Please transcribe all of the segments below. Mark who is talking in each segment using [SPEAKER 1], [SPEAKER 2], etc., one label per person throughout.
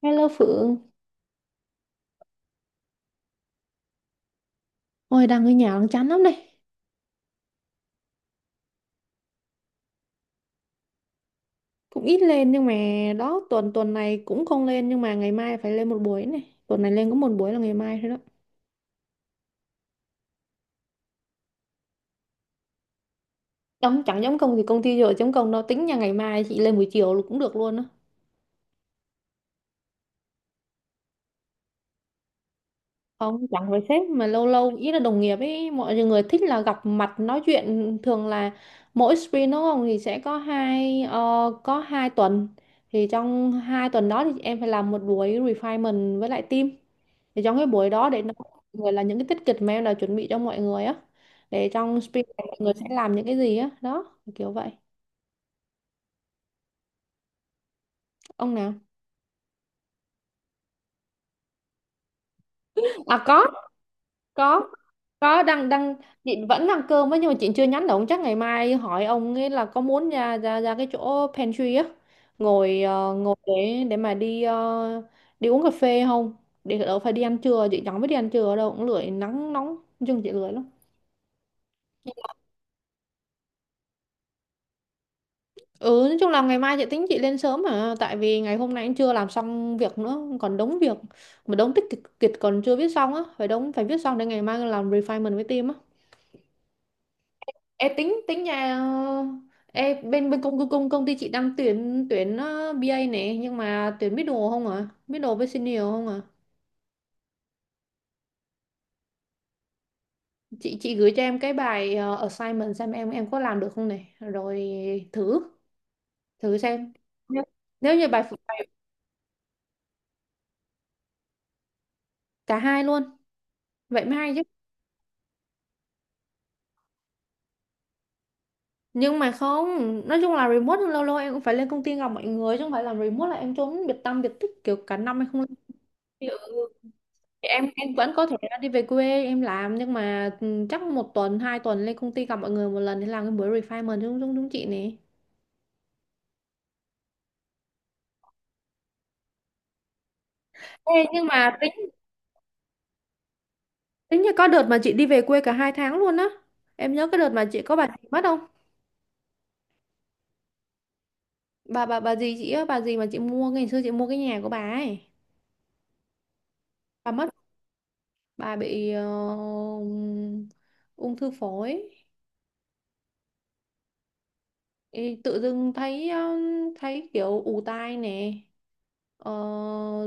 [SPEAKER 1] Hello Phượng, ôi đang ở nhà đang chán lắm này. Cũng ít lên nhưng mà đó tuần tuần này cũng không lên, nhưng mà ngày mai phải lên một buổi này. Tuần này lên có một buổi là ngày mai thôi đó. Chẳng chẳng giống công ty giờ chống công đâu tính nha, ngày mai chị lên buổi chiều là cũng được luôn đó. Không, chẳng với sếp mà lâu lâu ý là đồng nghiệp ấy, mọi người thích là gặp mặt nói chuyện, thường là mỗi sprint đúng không, thì sẽ có hai tuần, thì trong 2 tuần đó thì em phải làm một buổi refinement với lại team, thì trong cái buổi đó để nói với mọi người là những cái tiết kịch mà em đã chuẩn bị cho mọi người á, để trong sprint này mọi người sẽ làm những cái gì á, đó kiểu vậy. Ông nào? À, có có có. Đang đang Chị vẫn ăn cơm á nhưng mà chị chưa nhắn được, chắc ngày mai hỏi ông ấy là có muốn ra ra ra cái chỗ pantry á, ngồi để mà đi, đi uống cà phê không, để đâu phải đi ăn trưa. Chị chẳng biết đi ăn trưa đâu, cũng lười, nắng nóng, nói chung chị lười lắm. Ừ, nói chung là ngày mai chị tính chị lên sớm, mà tại vì ngày hôm nay cũng chưa làm xong việc nữa, còn đống việc, mà đống tích kịch còn chưa viết xong á, phải phải viết xong để ngày mai làm refinement với team á. Ê, tính tính nhà Ê, bên bên công công công ty chị đang tuyển tuyển ờ, BA này, nhưng mà tuyển middle không à? Middle với senior không à? Chị gửi cho em cái bài assignment xem em có làm được không này, rồi thử thử xem. Nếu Nếu như bài, cả hai luôn, vậy mới hay chứ. Nhưng mà không, nói chung là remote, nhưng lâu lâu em cũng phải lên công ty gặp mọi người, chứ không phải làm remote là em trốn biệt tăm biệt tích kiểu cả năm em không lên. Em vẫn có thể là đi về quê em làm, nhưng mà, chắc một tuần hai tuần lên công ty gặp mọi người một lần để làm cái buổi refinement, đúng đúng đúng chị này. Ê, nhưng mà tính tính như có đợt mà chị đi về quê cả 2 tháng luôn á, em nhớ cái đợt mà chị có bà gì mất không? Bà gì chị á, bà gì mà chị mua, ngày xưa chị mua cái nhà của bà ấy, bà mất. Bà bị ung thư phổi. Ê, tự dưng thấy, kiểu ù tai nè, ờ,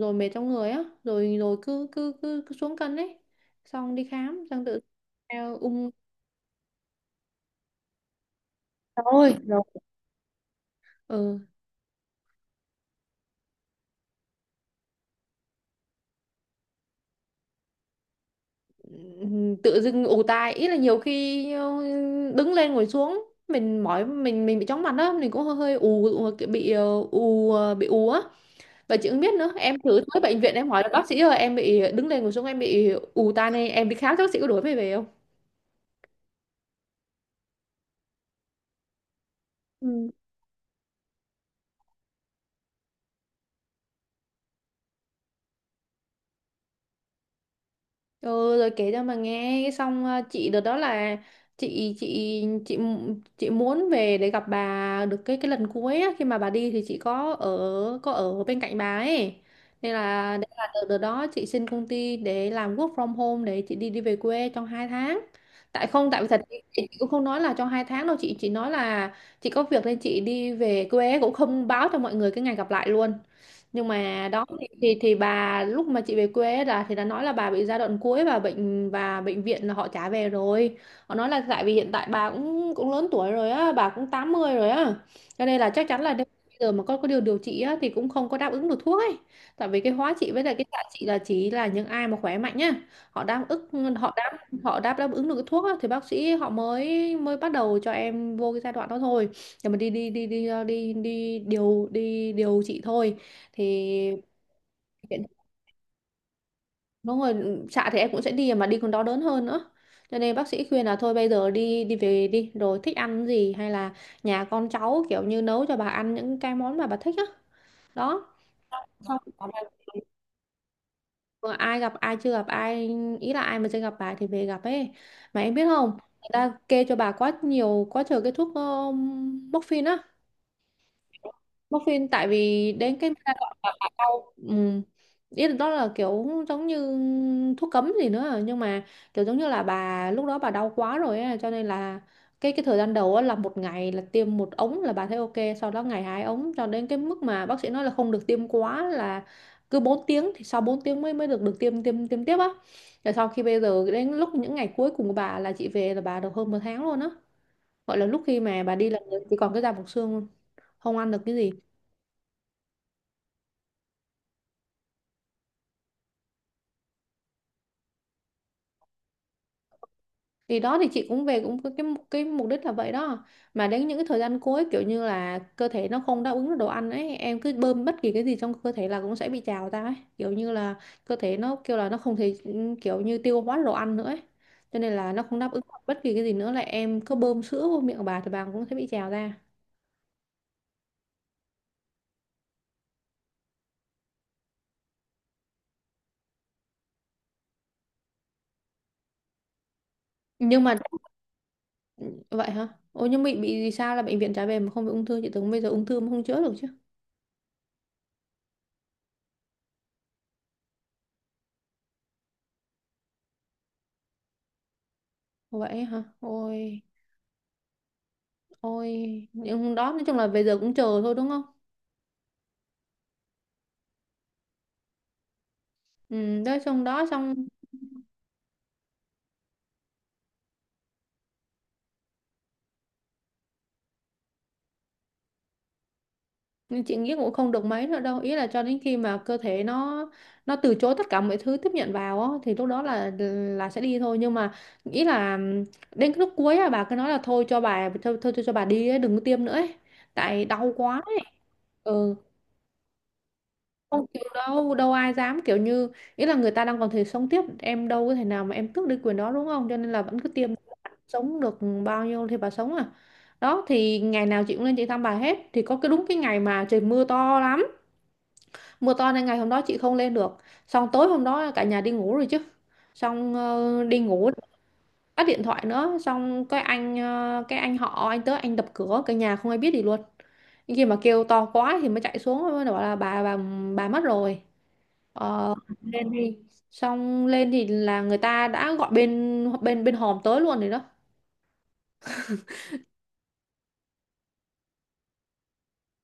[SPEAKER 1] rồi mệt trong người á, rồi rồi cứ xuống cân ấy, xong đi khám xong tự ung Rồi, rồi. Ừ. Tự dưng ù tai ý là, nhiều khi đứng lên ngồi xuống mình mỏi, mình bị chóng mặt á, mình cũng hơi hơi ù ù- kiểu bị ù, bị ù á. Và chị cũng biết nữa, em thử tới bệnh viện em hỏi là, bác sĩ ơi em bị đứng lên ngồi xuống em bị ù tai này, em đi khám cho bác sĩ có đuổi mày về không? Ừ. Ừ, rồi kể cho mà nghe cái xong, chị đợt đó là, chị muốn về để gặp bà được cái lần cuối á, khi mà bà đi thì chị có ở, bên cạnh bà ấy, nên là đấy là đợt đó chị xin công ty để làm work from home, để chị đi đi về quê trong 2 tháng, tại không tại vì thật chị cũng không nói là trong 2 tháng đâu, chị chỉ nói là chị có việc nên chị đi về quê, cũng không báo cho mọi người cái ngày gặp lại luôn. Nhưng mà đó thì, bà lúc mà chị về quê ấy là, thì đã nói là bà bị giai đoạn cuối, và bệnh viện là họ trả về rồi. Họ nói là, tại vì hiện tại bà cũng cũng lớn tuổi rồi á, bà cũng 80 rồi á, cho nên là chắc chắn là nếu bây giờ mà có điều điều trị á thì cũng không có đáp ứng được thuốc ấy, tại vì cái hóa trị với lại cái xạ trị là chỉ là những ai mà khỏe mạnh nhá, họ đáp ứng họ đáp đáp ứng được cái thuốc á, thì bác sĩ họ mới mới bắt đầu cho em vô cái giai đoạn đó thôi, để mà đi đi đi đi ờ, đi đi điều trị thôi, thì hiện- đúng rồi, xạ thì em cũng sẽ đi mà đi còn đau đớn hơn nữa, cho nên bác sĩ khuyên là thôi bây giờ đi đi về đi, rồi thích ăn gì, hay là nhà con cháu kiểu như nấu cho bà ăn những cái món mà bà thích á, đó. Xong bảo là, vừa ai gặp ai chưa gặp ai, ý là ai mà chưa gặp bà thì về gặp ấy. Mà em biết không, người ta kê cho bà quá nhiều quá trời cái thuốc, morphine á, Muffin, tại vì đến cái người ta gọi là hạ cau ừ. Ý là đó là kiểu giống như thuốc cấm gì nữa, nhưng mà kiểu giống như là bà lúc đó bà đau quá rồi á, cho nên là cái thời gian đầu á là một ngày là tiêm một ống là bà thấy ok, sau đó ngày 2 ống, cho đến cái mức mà bác sĩ nói là không được tiêm quá, là cứ 4 tiếng, thì sau 4 tiếng mới mới được được tiêm tiêm tiêm tiếp á, rồi sau khi bây giờ đến lúc những ngày cuối cùng của bà là chị về, là bà được hơn một tháng luôn á, gọi là lúc khi mà bà đi là chỉ còn cái da bọc xương luôn, không ăn được cái gì. Thì đó thì chị cũng về cũng có cái mục đích là vậy đó, mà đến những cái thời gian cuối kiểu như là cơ thể nó không đáp ứng được đồ ăn ấy, em cứ bơm bất kỳ cái gì trong cơ thể là cũng sẽ bị trào ra ấy, kiểu như là cơ thể nó kêu là nó không thể, kiểu như tiêu hóa đồ ăn nữa ấy, cho nên là nó không đáp ứng được bất kỳ cái gì nữa, là em cứ bơm sữa vô miệng của bà thì bà cũng sẽ bị trào ra, nhưng mà. Ừ, vậy hả ôi, nhưng bị gì sao là bệnh viện trả về mà không bị ung thư? Chị tưởng bây giờ ung thư mà không chữa được chứ. Vậy hả, ôi, ôi, nhưng đó nói chung là bây giờ cũng chờ thôi, đúng không? Ừ, tới xong đó xong chuyện giấc cũng không được mấy nữa đâu, ý là cho đến khi mà cơ thể nó từ chối tất cả mọi thứ tiếp nhận vào á, thì lúc đó là sẽ đi thôi, nhưng mà ý là đến cái lúc cuối á, bà cứ nói là thôi cho bà, thôi thôi cho bà đi ấy, đừng có tiêm nữa ấy, tại đau quá ấy. Ừ, không chịu đâu đâu ai dám kiểu như ý là người ta đang còn thể sống tiếp em đâu có thể nào mà em tước đi quyền đó đúng không, cho nên là vẫn cứ tiêm sống được bao nhiêu thì bà sống à. Đó thì ngày nào chị cũng lên chị thăm bà hết, thì có cái đúng cái ngày mà trời mưa to lắm, mưa to nên ngày hôm đó chị không lên được. Xong tối hôm đó cả nhà đi ngủ rồi chứ, xong đi ngủ, tắt điện thoại nữa. Xong cái anh cái anh họ anh tới anh đập cửa, cả nhà không ai biết gì luôn, nhưng khi mà kêu to quá thì mới chạy xuống, mới bảo là bà bà mất rồi. Ờ, lên thì xong lên thì là người ta đã gọi bên bên bên hòm tới luôn rồi đó.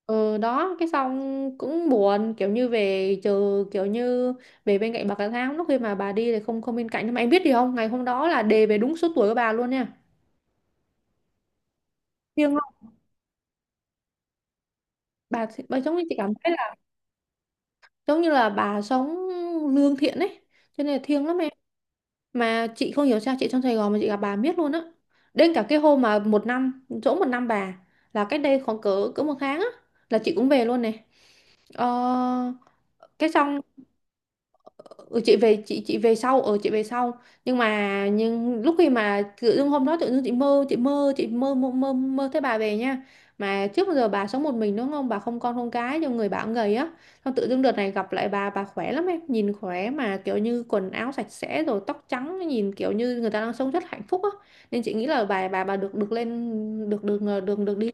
[SPEAKER 1] Ừ, đó cái xong cũng buồn, kiểu như về chờ, kiểu như về bên cạnh bà cả tháng, lúc khi mà bà đi thì không không bên cạnh. Nhưng mà em biết gì không, ngày hôm đó là đề về đúng số tuổi của bà luôn nha, thiêng lắm. Bà giống như chị cảm thấy là giống như là bà sống lương thiện ấy, cho nên là thiêng lắm em. Mà chị không hiểu sao chị trong Sài Gòn mà chị gặp bà miết luôn á, đến cả cái hôm mà một năm chỗ một năm bà, là cách đây khoảng cỡ cỡ một tháng á, là chị cũng về luôn này. Ờ, cái xong. Ừ, chị về chị về sau, ở chị về sau, nhưng mà nhưng lúc khi mà tự dưng hôm đó tự dưng chị mơ mơ thấy bà về nha. Mà trước bao giờ bà sống một mình đúng không, bà không con không cái, cho người bà cũng gầy á. Xong tự dưng đợt này gặp lại bà khỏe lắm em, nhìn khỏe, mà kiểu như quần áo sạch sẽ rồi tóc trắng, nhìn kiểu như người ta đang sống rất hạnh phúc á, nên chị nghĩ là bà bà được được lên được được, được đi,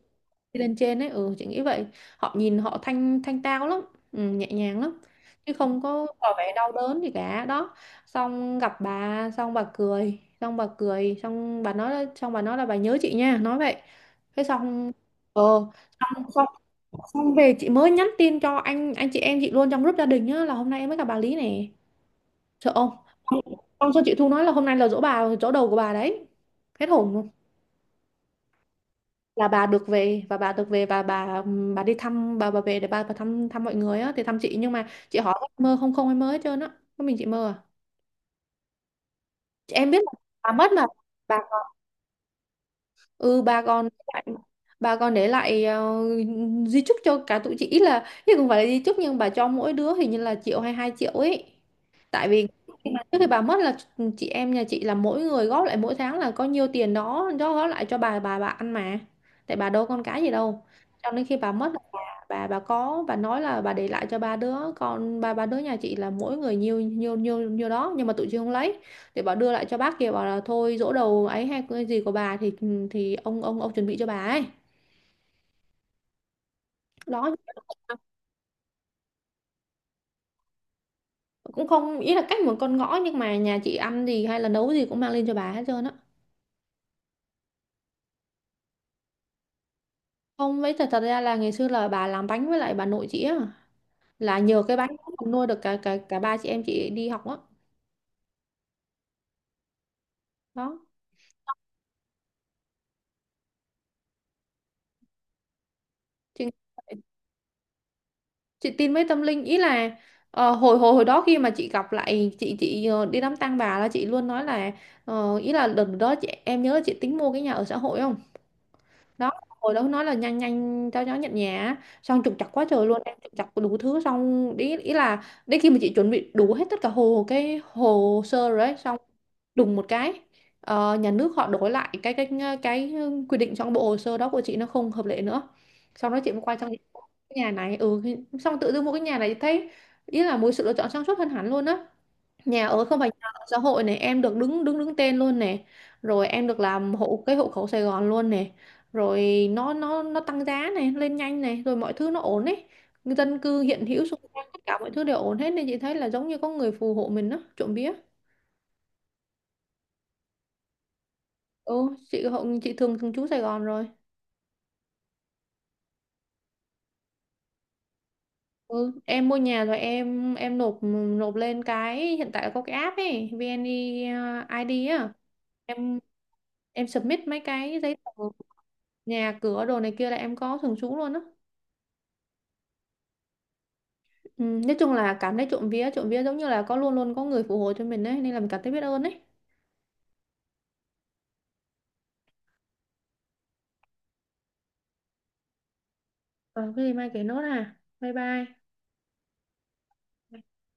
[SPEAKER 1] đi lên trên ấy, ừ chị nghĩ vậy. Họ nhìn họ thanh thanh tao lắm, ừ, nhẹ nhàng lắm, chứ không có tỏ vẻ đau đớn gì cả đó. Xong gặp bà xong bà cười xong bà nói là bà nhớ chị nha, nói vậy. Thế xong ờ xong xong xong về chị mới nhắn tin cho anh chị em chị luôn trong group gia đình á, là hôm nay em mới gặp bà Lý nè, sợ không. Xong xong chị Thu nói là hôm nay là giỗ bà, giỗ đầu của bà đấy, hết hồn luôn. Là bà được về, và bà đi thăm, bà về để bà thăm thăm mọi người á, thì thăm chị. Nhưng mà chị hỏi mơ không không em mới hết trơn á, có mình chị mơ à, chị em biết là bà mất mà. Bà ừ ba con lại, ba con để lại di chúc cho cả tụi chị, ý là chứ không phải là di chúc, nhưng bà cho mỗi đứa hình như là triệu hay hai triệu ấy, tại vì trước khi bà mất là chị em nhà chị là mỗi người góp lại mỗi tháng là có nhiêu tiền đó đó góp lại cho bà, bà ăn mà, tại bà đâu con cái gì đâu. Cho nên khi bà mất là bà có bà nói là bà để lại cho ba đứa con, ba ba đứa nhà chị là mỗi người nhiêu nhiêu đó, nhưng mà tụi chị không lấy, thì bảo đưa lại cho bác kia, bảo là thôi giỗ đầu ấy hay cái gì của bà thì ông ông chuẩn bị cho bà ấy đó. Cũng không, ý là cách một con ngõ, nhưng mà nhà chị ăn gì hay là nấu gì cũng mang lên cho bà hết trơn á. Không, với thật thật ra là ngày xưa là bà làm bánh với lại bà nội chị á, là nhờ cái bánh đó mà nuôi được cả cả cả ba chị em chị đi học á, đó. chị, chị tin với tâm linh, ý là ờ, hồi hồi hồi đó khi mà chị gặp lại chị đi đám tang bà là chị luôn nói là ý là lần đó chị em nhớ là chị tính mua cái nhà ở xã hội không đó, hồi đó nói là nhanh nhanh cho nó nhận nhà á. Xong trục trặc quá trời luôn em, trục trặc đủ thứ xong ý là đến khi mà chị chuẩn bị đủ hết tất cả cái hồ sơ rồi ấy, xong đùng một cái nhà nước họ đổi lại cái cái quy định, trong bộ hồ sơ đó của chị nó không hợp lệ nữa. Sau đó chị mới quay sang cái nhà này, ừ. Xong tự dưng mua cái nhà này thấy ý là một sự lựa chọn sáng suốt hơn hẳn luôn á. Nhà ở, không phải nhà ở xã hội này em được đứng đứng đứng tên luôn này, rồi em được làm hộ hộ khẩu Sài Gòn luôn này, rồi nó nó tăng giá này lên nhanh này, rồi mọi thứ nó ổn ấy, dân cư hiện hữu xung quanh tất cả mọi thứ đều ổn hết, nên chị thấy là giống như có người phù hộ mình đó, trộm vía. Ừ chị hộ chị thường thường trú Sài Gòn rồi. Ừ, em mua nhà rồi em nộp nộp lên cái hiện tại có cái app ấy VNeID á, em em submit mấy cái giấy tờ nhà cửa đồ này kia là em có thường trú luôn á. Ừ, nói chung là cảm thấy trộm vía giống như là có luôn luôn có người phù hộ cho mình ấy, nên là mình cảm thấy biết ơn ấy. Ờ cái gì mai kể nốt à? Bye bye.